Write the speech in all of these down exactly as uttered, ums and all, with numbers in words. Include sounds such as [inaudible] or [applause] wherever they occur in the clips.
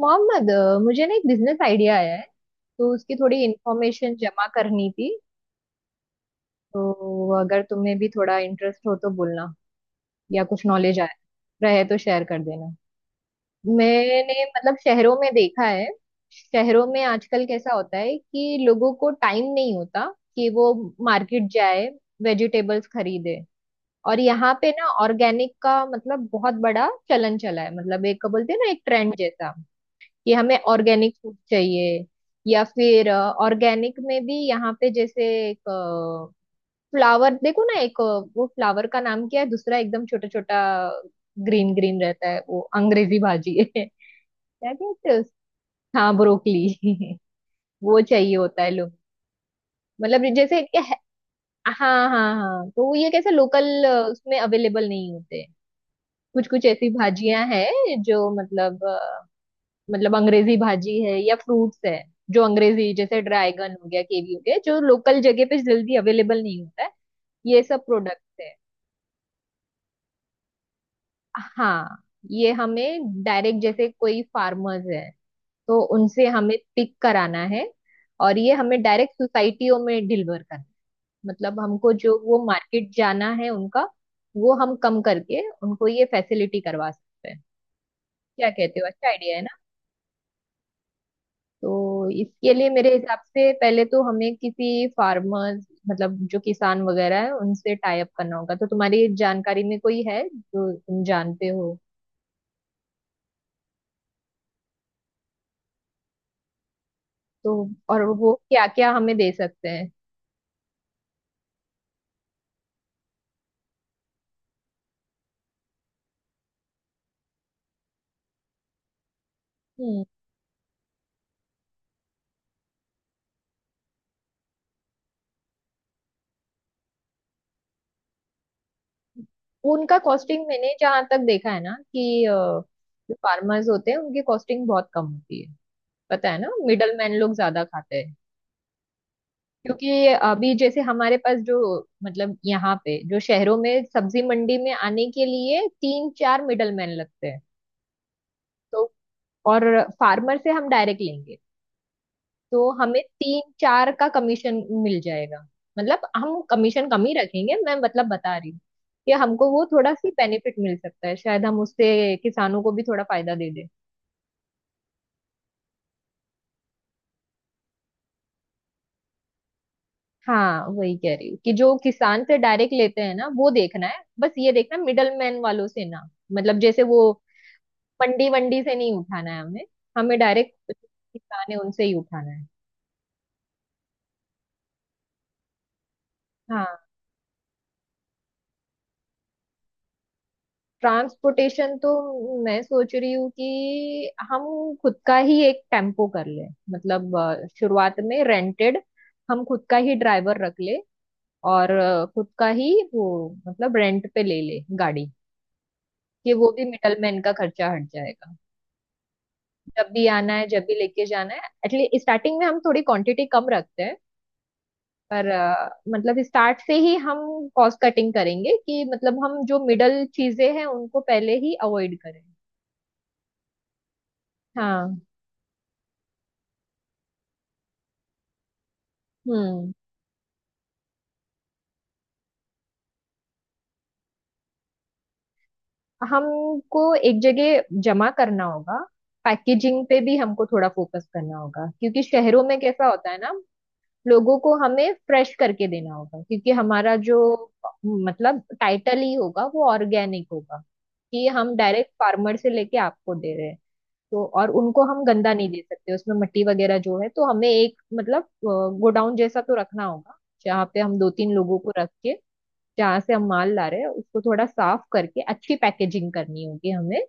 मोहम्मद, अ, मुझे ना एक बिजनेस आइडिया आया है। तो उसकी थोड़ी इंफॉर्मेशन जमा करनी थी। तो अगर तुम्हें भी थोड़ा इंटरेस्ट हो तो बोलना, या कुछ नॉलेज आए रहे तो शेयर कर देना। मैंने मतलब शहरों में देखा है, शहरों में आजकल कैसा होता है कि लोगों को टाइम नहीं होता कि वो मार्केट जाए, वेजिटेबल्स खरीदे। और यहाँ पे ना ऑर्गेनिक का मतलब बहुत बड़ा चलन चला है, मतलब एक बोलते हैं ना एक ट्रेंड जैसा कि हमें ऑर्गेनिक फूड चाहिए। या फिर ऑर्गेनिक में भी यहाँ पे जैसे एक फ्लावर देखो ना, एक अ, वो फ्लावर का नाम क्या है, दूसरा एकदम छोटा छोटा ग्रीन ग्रीन रहता है, वो अंग्रेजी भाजी है [laughs] क्या कहते हैं उस- हाँ ब्रोकली [laughs] वो चाहिए होता है लोग, मतलब जैसे कि है- हाँ हाँ हाँ। तो वो ये कैसे लोकल उसमें अवेलेबल नहीं होते। कुछ कुछ ऐसी भाजियां हैं जो मतलब, मतलब अंग्रेजी भाजी है या फ्रूट्स है, जो अंग्रेजी जैसे ड्रैगन हो गया, कीवी हो गया, जो लोकल जगह पे जल्दी अवेलेबल नहीं होता है। ये सब प्रोडक्ट्स है। हाँ, ये हमें डायरेक्ट जैसे कोई फार्मर्स है तो उनसे हमें पिक कराना है, और ये हमें डायरेक्ट सोसाइटियों में डिलीवर करना है। मतलब हमको जो वो मार्केट जाना है उनका, वो हम कम करके उनको ये फैसिलिटी करवा सकते हैं। क्या कहते हो, अच्छा आइडिया है? तो इसके लिए मेरे हिसाब से पहले तो हमें किसी फार्मर मतलब जो किसान वगैरह है उनसे टाई अप करना होगा। तो तुम्हारी जानकारी में कोई है जो तुम जानते हो? तो और वो क्या क्या हमें दे सकते हैं? हम्म। उनका कॉस्टिंग मैंने जहाँ तक देखा है ना कि अ, जो फार्मर्स होते हैं उनकी कॉस्टिंग बहुत कम होती है। पता है ना, मिडल मैन लोग ज्यादा खाते हैं। क्योंकि अभी जैसे हमारे पास जो मतलब यहाँ पे जो शहरों में सब्जी मंडी में आने के लिए तीन चार मिडल मैन लगते हैं। तो और फार्मर से हम डायरेक्ट लेंगे तो हमें तीन चार का कमीशन मिल जाएगा। मतलब हम कमीशन कम ही रखेंगे, मैं मतलब बता रही हूँ कि हमको वो थोड़ा सी बेनिफिट मिल सकता है, शायद हम उससे किसानों को भी थोड़ा फायदा दे दें। हाँ, वही कह रही हूँ कि जो किसान से डायरेक्ट लेते हैं ना, वो देखना है, बस ये देखना मिडल मैन वालों से ना, मतलब जैसे वो मंडी वंडी से नहीं उठाना है हमें, हमें डायरेक्ट किसान है उनसे ही उठाना है। हाँ। ट्रांसपोर्टेशन तो मैं सोच रही हूँ कि हम खुद का ही एक टेम्पो कर लें, मतलब अ, शुरुआत में रेंटेड, हम खुद का ही ड्राइवर रख ले, और अ, खुद का ही वो मतलब रेंट पे ले ले गाड़ी, कि वो भी मिडलमैन का खर्चा हट जाएगा। जब भी आना है जब भी लेके जाना है, एटलीस्ट स्टार्टिंग में हम थोड़ी क्वांटिटी कम रखते हैं। पर अ, मतलब स्टार्ट से ही हम कॉस्ट कटिंग करेंगे कि मतलब हम जो मिडल चीजें हैं उनको पहले ही अवॉइड करें। हाँ। हम्म। हमको एक जगह जमा करना होगा। पैकेजिंग पे भी हमको थोड़ा फोकस करना होगा, क्योंकि शहरों में कैसा होता है ना, लोगों को हमें फ्रेश करके देना होगा, क्योंकि हमारा जो मतलब टाइटल ही होगा वो ऑर्गेनिक होगा, कि हम डायरेक्ट फार्मर से लेके आपको दे रहे हैं। तो और उनको हम गंदा नहीं दे सकते, उसमें मट्टी वगैरह जो है, तो हमें एक मतलब गोडाउन जैसा तो रखना होगा, जहाँ पे हम दो तीन लोगों को रख के, जहाँ से हम माल ला रहे हैं उसको थोड़ा साफ करके अच्छी पैकेजिंग करनी होगी हमें,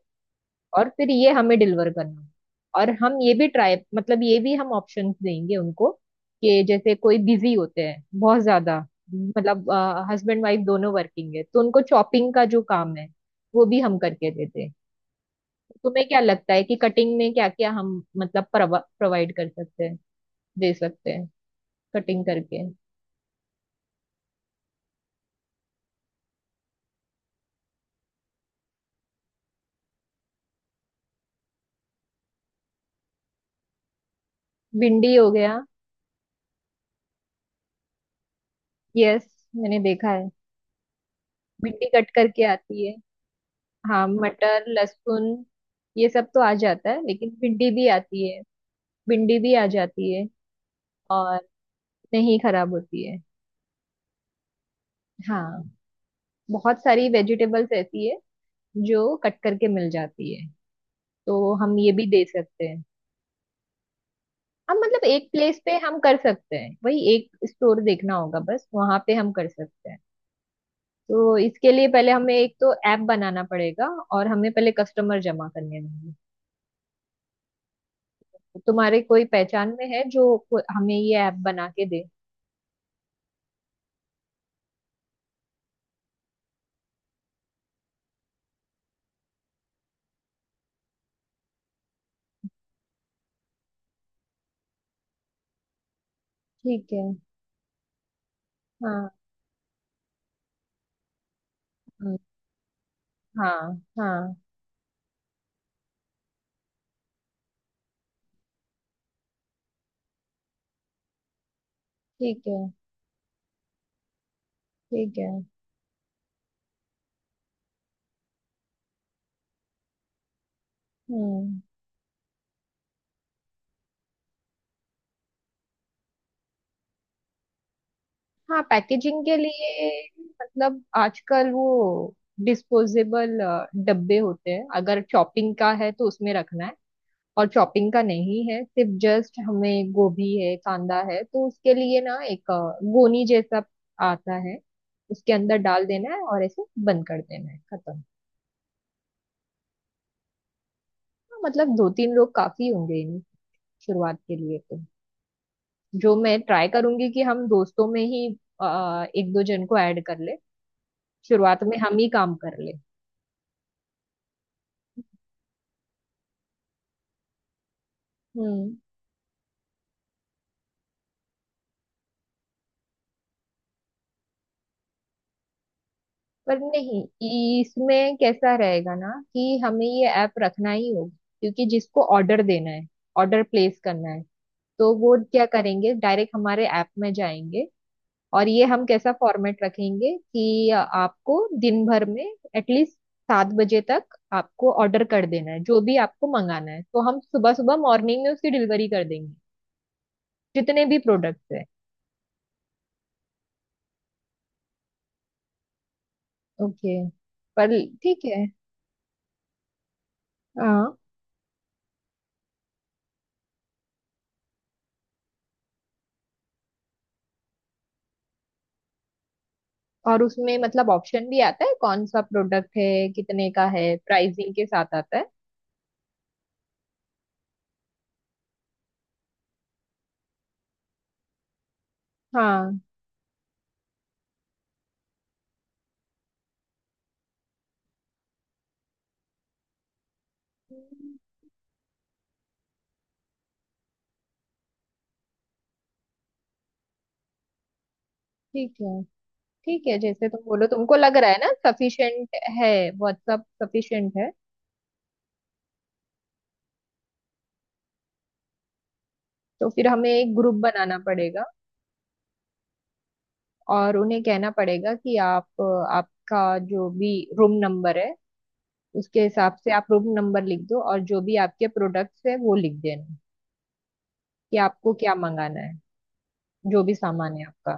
और फिर ये हमें डिलीवर करना होगा। और हम ये भी ट्राई मतलब ये भी हम ऑप्शंस देंगे उनको, कि जैसे कोई बिजी होते हैं बहुत ज्यादा, मतलब हस्बैंड वाइफ दोनों वर्किंग है, तो उनको चॉपिंग का जो काम है वो भी हम करके देते हैं। तुम्हें क्या लगता है कि कटिंग में क्या क्या हम मतलब प्रोवाइड कर सकते हैं, दे सकते हैं कटिंग करके? भिंडी हो गया, यस मैंने देखा है, भिंडी कट करके आती है। हाँ, मटर लहसुन ये सब तो आ जाता है, लेकिन भिंडी भी आती है, भिंडी भी आ जाती है। और नहीं खराब होती है। हाँ। बहुत सारी वेजिटेबल्स ऐसी है जो कट करके मिल जाती है, तो हम ये भी दे सकते हैं। हम मतलब एक प्लेस पे हम कर सकते हैं, वही एक स्टोर देखना होगा, बस वहां पे हम कर सकते हैं। तो इसके लिए पहले हमें एक तो ऐप बनाना पड़ेगा, और हमें पहले कस्टमर जमा करने होंगे। तो तुम्हारे कोई पहचान में है जो को- हमें ये ऐप बना के दे? ठीक है। हाँ। हम्म, हाँ हाँ। ठीक है। ठीक है। हम्म। हाँ, पैकेजिंग के लिए मतलब आजकल वो डिस्पोजेबल डब्बे होते हैं, अगर चॉपिंग का है तो उसमें रखना है, और चॉपिंग का नहीं है, सिर्फ जस्ट हमें गोभी है कांदा है, तो उसके लिए ना एक अ, गोनी जैसा आता है, उसके अंदर डाल देना है और ऐसे बंद कर देना है, खत्म। हाँ, मतलब दो तीन लोग काफी होंगे इन शुरुआत के लिए तो। जो मैं ट्राई करूंगी कि हम दोस्तों में ही अ, एक दो जन को ऐड कर ले, शुरुआत में हम ही काम कर ले। हम्म। पर नहीं, इ- इसमें कैसा रहेगा ना कि हमें ये ऐप रखना ही होगा, क्योंकि जिसको ऑर्डर देना है, ऑर्डर प्लेस करना है, तो वो क्या करेंगे, डायरेक्ट हमारे ऐप में जाएंगे। और ये हम कैसा फॉर्मेट रखेंगे कि आपको दिन भर में एटलीस्ट सात बजे तक आपको ऑर्डर कर देना है, जो भी आपको मंगाना है, तो हम सुबह सुबह मॉर्निंग में उसकी डिलीवरी कर देंगे, जितने भी प्रोडक्ट्स हैं। ओके। पर ठीक है। हाँ, और उसमें मतलब ऑप्शन भी आता है कौन सा प्रोडक्ट है, कितने का है, प्राइसिंग के साथ आता है। हाँ। हम्म, ठीक है। ठीक है, जैसे तुम बोलो, तुमको लग रहा है ना सफिशिएंट है? व्हाट्सअप सफिशिएंट है? तो फिर हमें एक ग्रुप बनाना पड़ेगा, और उन्हें कहना पड़ेगा कि आप अ, आपका जो भी रूम नंबर है, उसके हिसाब से आप रूम नंबर लिख दो, और जो भी आपके प्रोडक्ट्स है वो लिख देना, कि आपको क्या मंगाना है, जो भी सामान है आपका।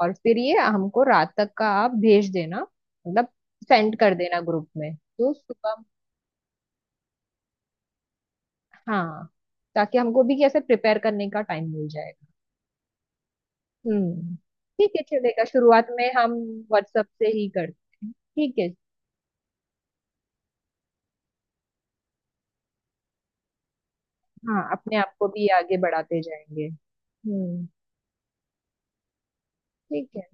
और फिर ये हमको रात तक का आप भेज देना, मतलब सेंड कर देना ग्रुप में, तो सुबह। हाँ, ताकि हमको भी कैसे प्रिपेयर करने का टाइम मिल जाएगा। हम्म। ठीक है, चलेगा। शुरुआत में हम व्हाट्सएप से ही करते हैं, ठीक है। हाँ, अपने आप को भी आगे बढ़ाते जाएंगे। हम्म। ठीक है।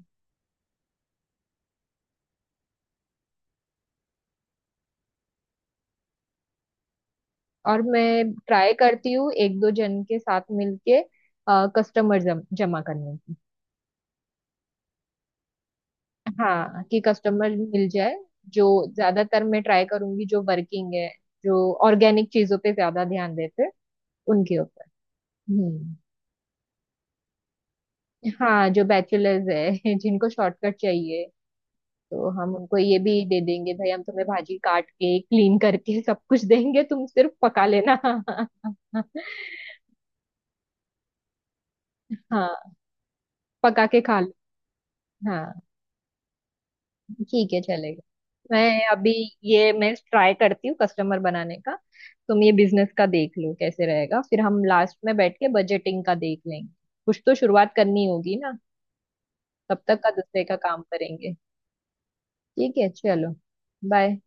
और मैं ट्राई करती हूँ एक दो जन के साथ मिलके कस्टमर जम, जमा करने की। हाँ, कि कस्टमर मिल जाए, जो ज्यादातर मैं ट्राई करूंगी जो वर्किंग है, जो ऑर्गेनिक चीजों पे ज्यादा ध्यान देते हैं, उनके ऊपर। हम्म। हाँ, जो बैचलर्स है [laughs] जिनको शॉर्टकट चाहिए, तो हम उनको ये भी दे देंगे, भाई हम तुम्हें भाजी काट के क्लीन करके सब कुछ देंगे, तुम सिर्फ पका लेना [laughs] हाँ, पका के खा लो। हाँ, ठीक है, चलेगा। मैं अभी ये मैं ट्राई करती हूँ कस्टमर बनाने का, तुम ये बिजनेस का देख लो कैसे रहेगा, फिर हम लास्ट में बैठ के बजटिंग का देख लेंगे। कुछ तो शुरुआत करनी होगी ना। तब तक का दूसरे का काम करेंगे। ठीक है, चलो। बाय।